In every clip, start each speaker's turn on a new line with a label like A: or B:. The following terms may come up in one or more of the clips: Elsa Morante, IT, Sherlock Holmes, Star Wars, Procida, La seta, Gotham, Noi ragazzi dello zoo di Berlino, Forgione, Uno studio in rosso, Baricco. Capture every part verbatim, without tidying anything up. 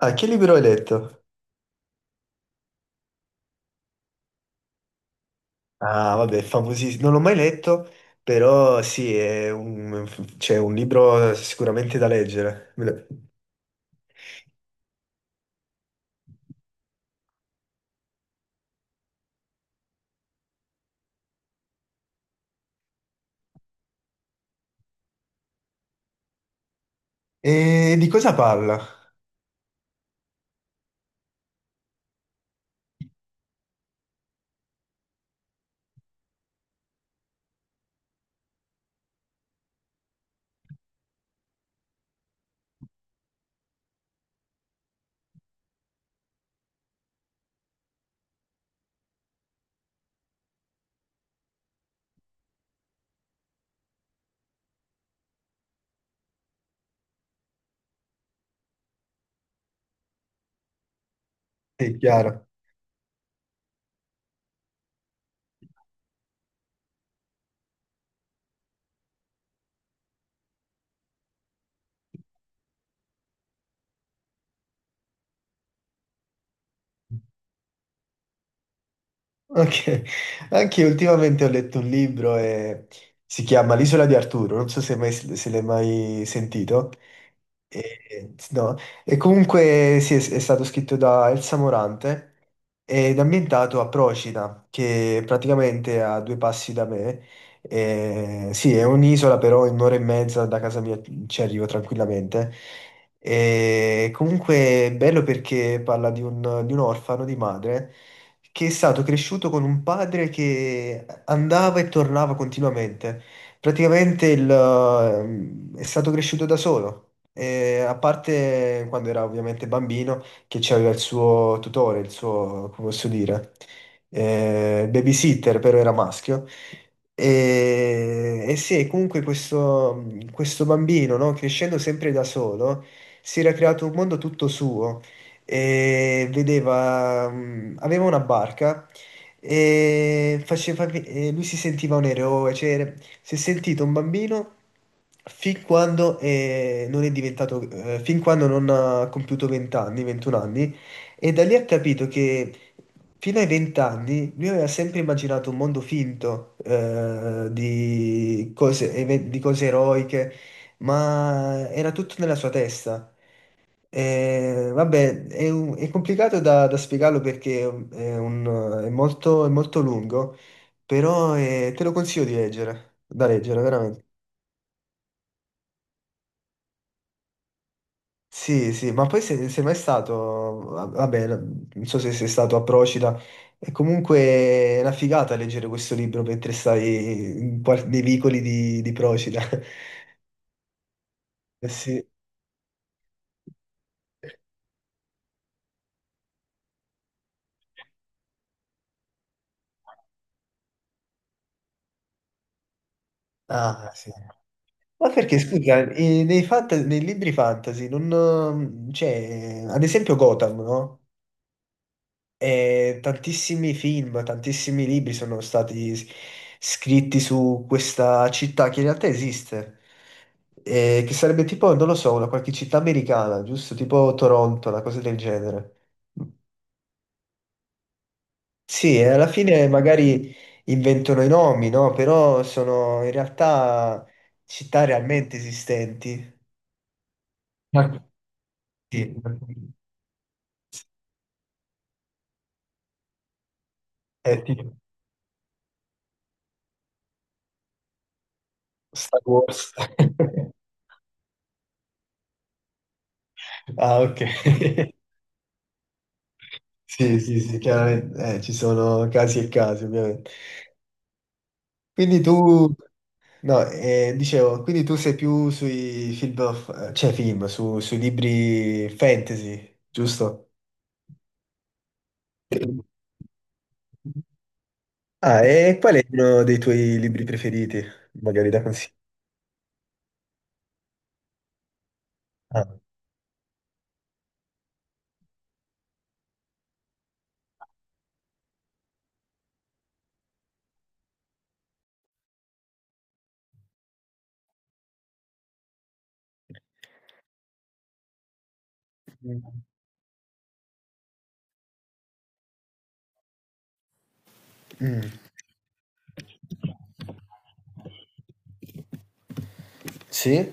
A: Ah, che libro hai letto? Ah, vabbè, famosissimo. Non l'ho mai letto, però sì, è un, c'è un libro sicuramente da leggere. Me lo- E di cosa parla? È chiaro. Ok. Anche io ultimamente ho letto un libro e si chiama L'isola di Arturo, non so se, mai, se l'hai mai sentito. E, no. E comunque sì, è, è stato scritto da Elsa Morante ed ambientato a Procida, che praticamente è a due passi da me. E, sì, è un'isola, però in un'ora e mezza da casa mia ci arrivo tranquillamente. E comunque è bello perché parla di un, di un, orfano di madre che è stato cresciuto con un padre che andava e tornava continuamente. Praticamente il, ehm, è stato cresciuto da solo. E a parte quando era ovviamente bambino, che c'aveva il suo tutore, il suo, come posso dire, eh, babysitter, però era maschio. E, e sì, comunque questo, questo bambino, no, crescendo sempre da solo, si era creato un mondo tutto suo e vedeva, mm, aveva una barca. E faceva, e lui si sentiva un eroe, cioè, era- si è sentito un bambino fin quando eh, non è diventato, eh, fin quando non ha compiuto venti anni, ventun anni, e da lì ha capito che fino ai venti anni lui aveva sempre immaginato un mondo finto, eh, di cose, eve- di cose eroiche, ma era tutto nella sua testa. Eh, vabbè, è, un- è complicato da, da spiegarlo perché è, un- è molto, è molto lungo, però eh, te lo consiglio di leggere, da leggere veramente. Sì, sì, ma poi se sei mai stato, va- vabbè, non so se sei stato a Procida, è comunque una figata leggere questo libro mentre stai in qual- nei vicoli di, di Procida. Eh, sì. Ah, sì. Ma perché, scusa, eh, nei, fant- nei libri fantasy, non, mm, cioè, ad esempio Gotham, no? E tantissimi film, tantissimi libri sono stati s- scritti su questa città che in realtà esiste. Eh, che sarebbe tipo, non lo so, una qualche città americana, giusto? Tipo Toronto, una cosa del genere. Sì, e alla fine magari inventano i nomi, no? Però sono in realtà città realmente esistenti. Ma sì. È tipo Star Wars. Ah, ok. Sì, sì, sì, chiaramente eh, ci sono casi e casi, ovviamente. Quindi tu, no, eh, dicevo, quindi tu sei più sui film, of- cioè film, su- sui libri fantasy, giusto? Ah, e qual è uno dei tuoi libri preferiti? Magari da consigliare. Ah. Mm. Sì?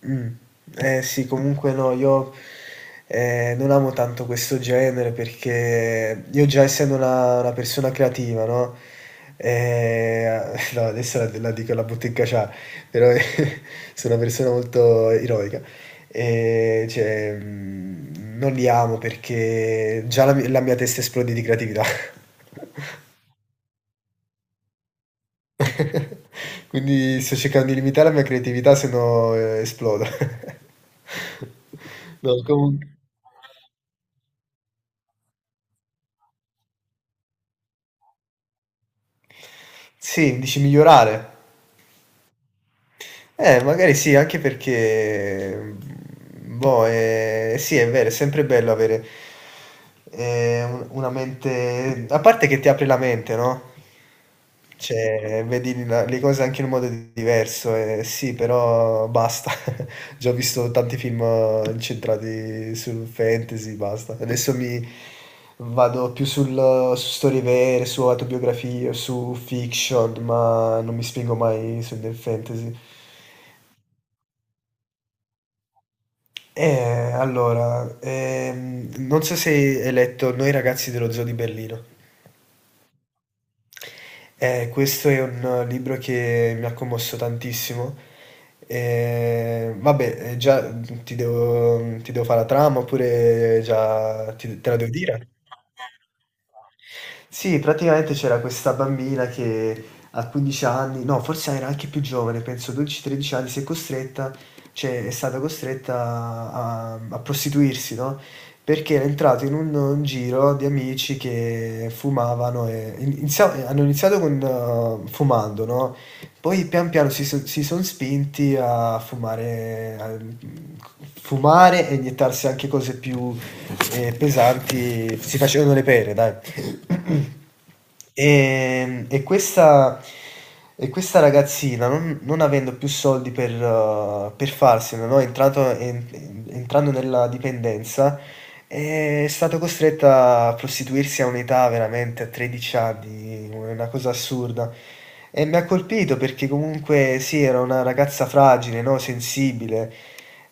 A: Mh. Eh sì, comunque no, io, ehm, non amo tanto questo genere perché io già essendo una una persona creativa, no, ehm, no adesso la d la dico, la butto in caciara, però sono una persona molto ironica. Ehm, cioè, mhmm, non li amo perché già la mi la mia testa esplode di creatività. Quindi sto cercando di limitare la mia creatività se no, ehm, esplodo. No, comun Sì, dici migliorare. Eh, magari sì, anche perché, mhmm, boh, ehm, sì è vero, è sempre bello avere, ehm, un una mente a parte che ti apre la mente, no? Cioè, vedi la- le cose anche in un modo di- diverso, eh, sì, però basta. Già ho visto tanti film eh, incentrati sul fantasy, basta. Adesso mi vado più sul, su storie vere, su autobiografie, su fiction, ma non mi spingo mai sul del fantasy. Eh, allora, ehm, non so se hai letto Noi ragazzi dello zoo di Berlino. Eh, questo è un libro che mi ha commosso tantissimo. Ehm, vabbè, eh, già ti devo, ti devo fare la trama oppure già ti- te la devo dire? Sì, praticamente c'era questa bambina che a quindici anni, no, forse era anche più giovane, penso dodici tredici anni, si è costretta, cioè è stata costretta a, a prostituirsi, no? Perché era entrato in un, un giro di amici che fumavano e in- inizia- hanno iniziato con, eh, fumando, no? Poi pian piano si, so- si sono spinti a fumare, a fumare, e iniettarsi anche cose più eh, pesanti, si facevano le pere, dai. E, e questa, e questa ragazzina, non, non avendo più soldi per, eh, per farsene, no? Entrato- en- entrando nella dipendenza, è stata costretta a prostituirsi a un'età veramente a tredici anni, una cosa assurda. E mi ha colpito perché comunque sì, era una ragazza fragile, no? Sensibile.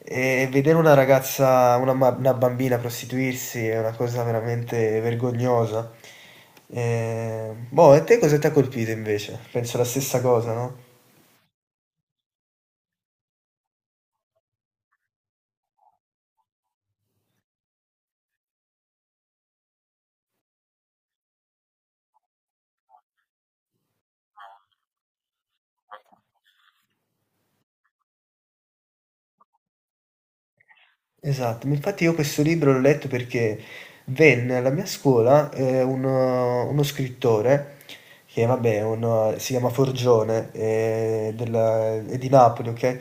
A: E vedere una ragazza, una, ma- una bambina prostituirsi è una cosa veramente vergognosa. Eh, boh, e te cosa ti ha colpito invece? Penso la stessa cosa, no? Esatto, ma infatti io questo libro l'ho letto perché venne alla mia scuola eh, uno, uno scrittore che, vabbè, è uno- si chiama Forgione, eh, della- è di Napoli, ok?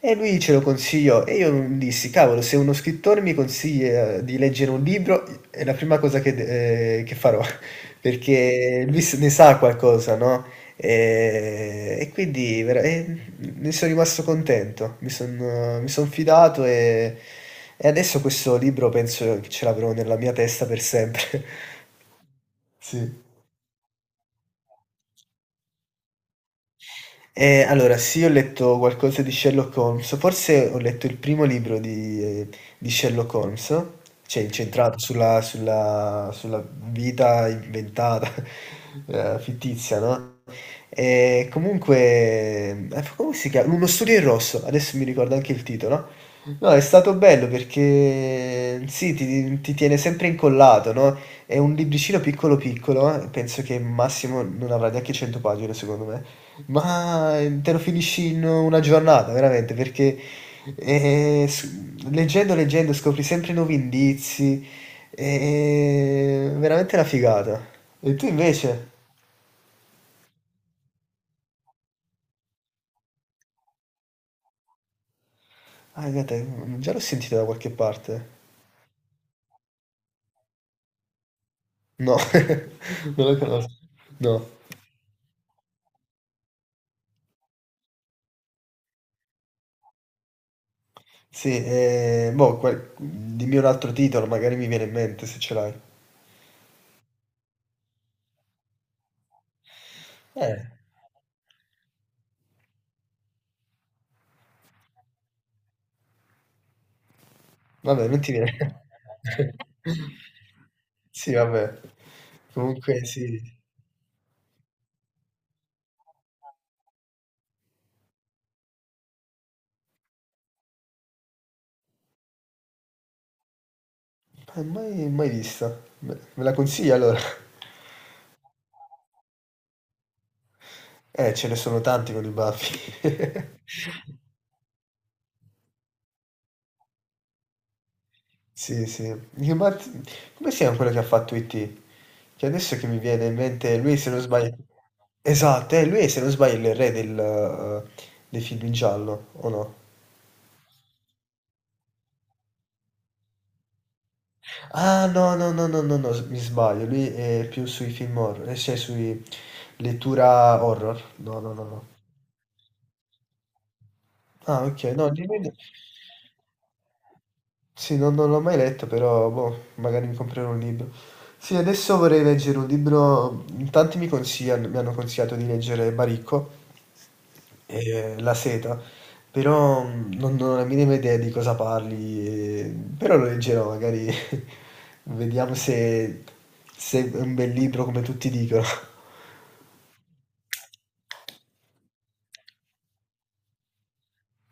A: E lui ce lo consigliò e io dissi, cavolo, se uno scrittore mi consiglia di leggere un libro, è la prima cosa che, de- eh, che farò, perché lui s- ne sa qualcosa, no? E, e quindi vera- è ne sono rimasto contento, mi son mi son fidato e e adesso questo libro penso che ce l'avrò nella mia testa per sempre. Sì. Ehm, allora sì, ho letto qualcosa di Sherlock Holmes, forse ho letto il primo libro di ehm, di Sherlock Holmes, cioè incentrato sulla sulla sulla vita inventata, ehm, fittizia, no. E comunque, eh, come si chiama? Uno studio in rosso, adesso mi ricordo anche il titolo. No, è stato bello perché sì, ti, ti tiene sempre incollato, no? È un libricino piccolo piccolo, eh, penso che massimo non avrà neanche cento pagine secondo me, ma eh, te lo finisci in una giornata, veramente, perché eh, s- leggendo, leggendo scopri sempre nuovi indizi, è veramente una figata. E tu invece? Ah, guarda, mhmm, già l'ho sentita da qualche parte. No, non la conosco. No. Sì, ehm, boh, qual mhmm, dimmi un altro titolo, magari mi viene in mente se ce l'hai. Eh. Vabbè, non ti viene. Sì, vabbè. Comunque sì. Eh, mai mai vista. Me me la consigli allora? Eh, ce ne sono tanti con i baffi. Sì, sì. Dico, ma t- come si chiama quello che ha fatto IT? Che adesso che mi viene in mente, lui, se non sbaglio... Esatto, eh, lui è, se non sbaglio, è il re del, eh, dei film in giallo, o no? Ah, no, no, no, no, no, no, s- mi sbaglio, lui è più sui film horror, eh, cioè sui lettura horror. No, no, no, no. Ah, ok, no, di- Sì, non, non l'ho mai letto, però boh, magari mi comprerò un libro. Sì, adesso vorrei leggere un libro. In Tanti mi consigliano, mi hanno consigliato di leggere Baricco e La seta, però mm, non, non ho la minima idea di cosa parli, e- però lo leggerò, magari vediamo se, se è un bel libro come tutti dicono.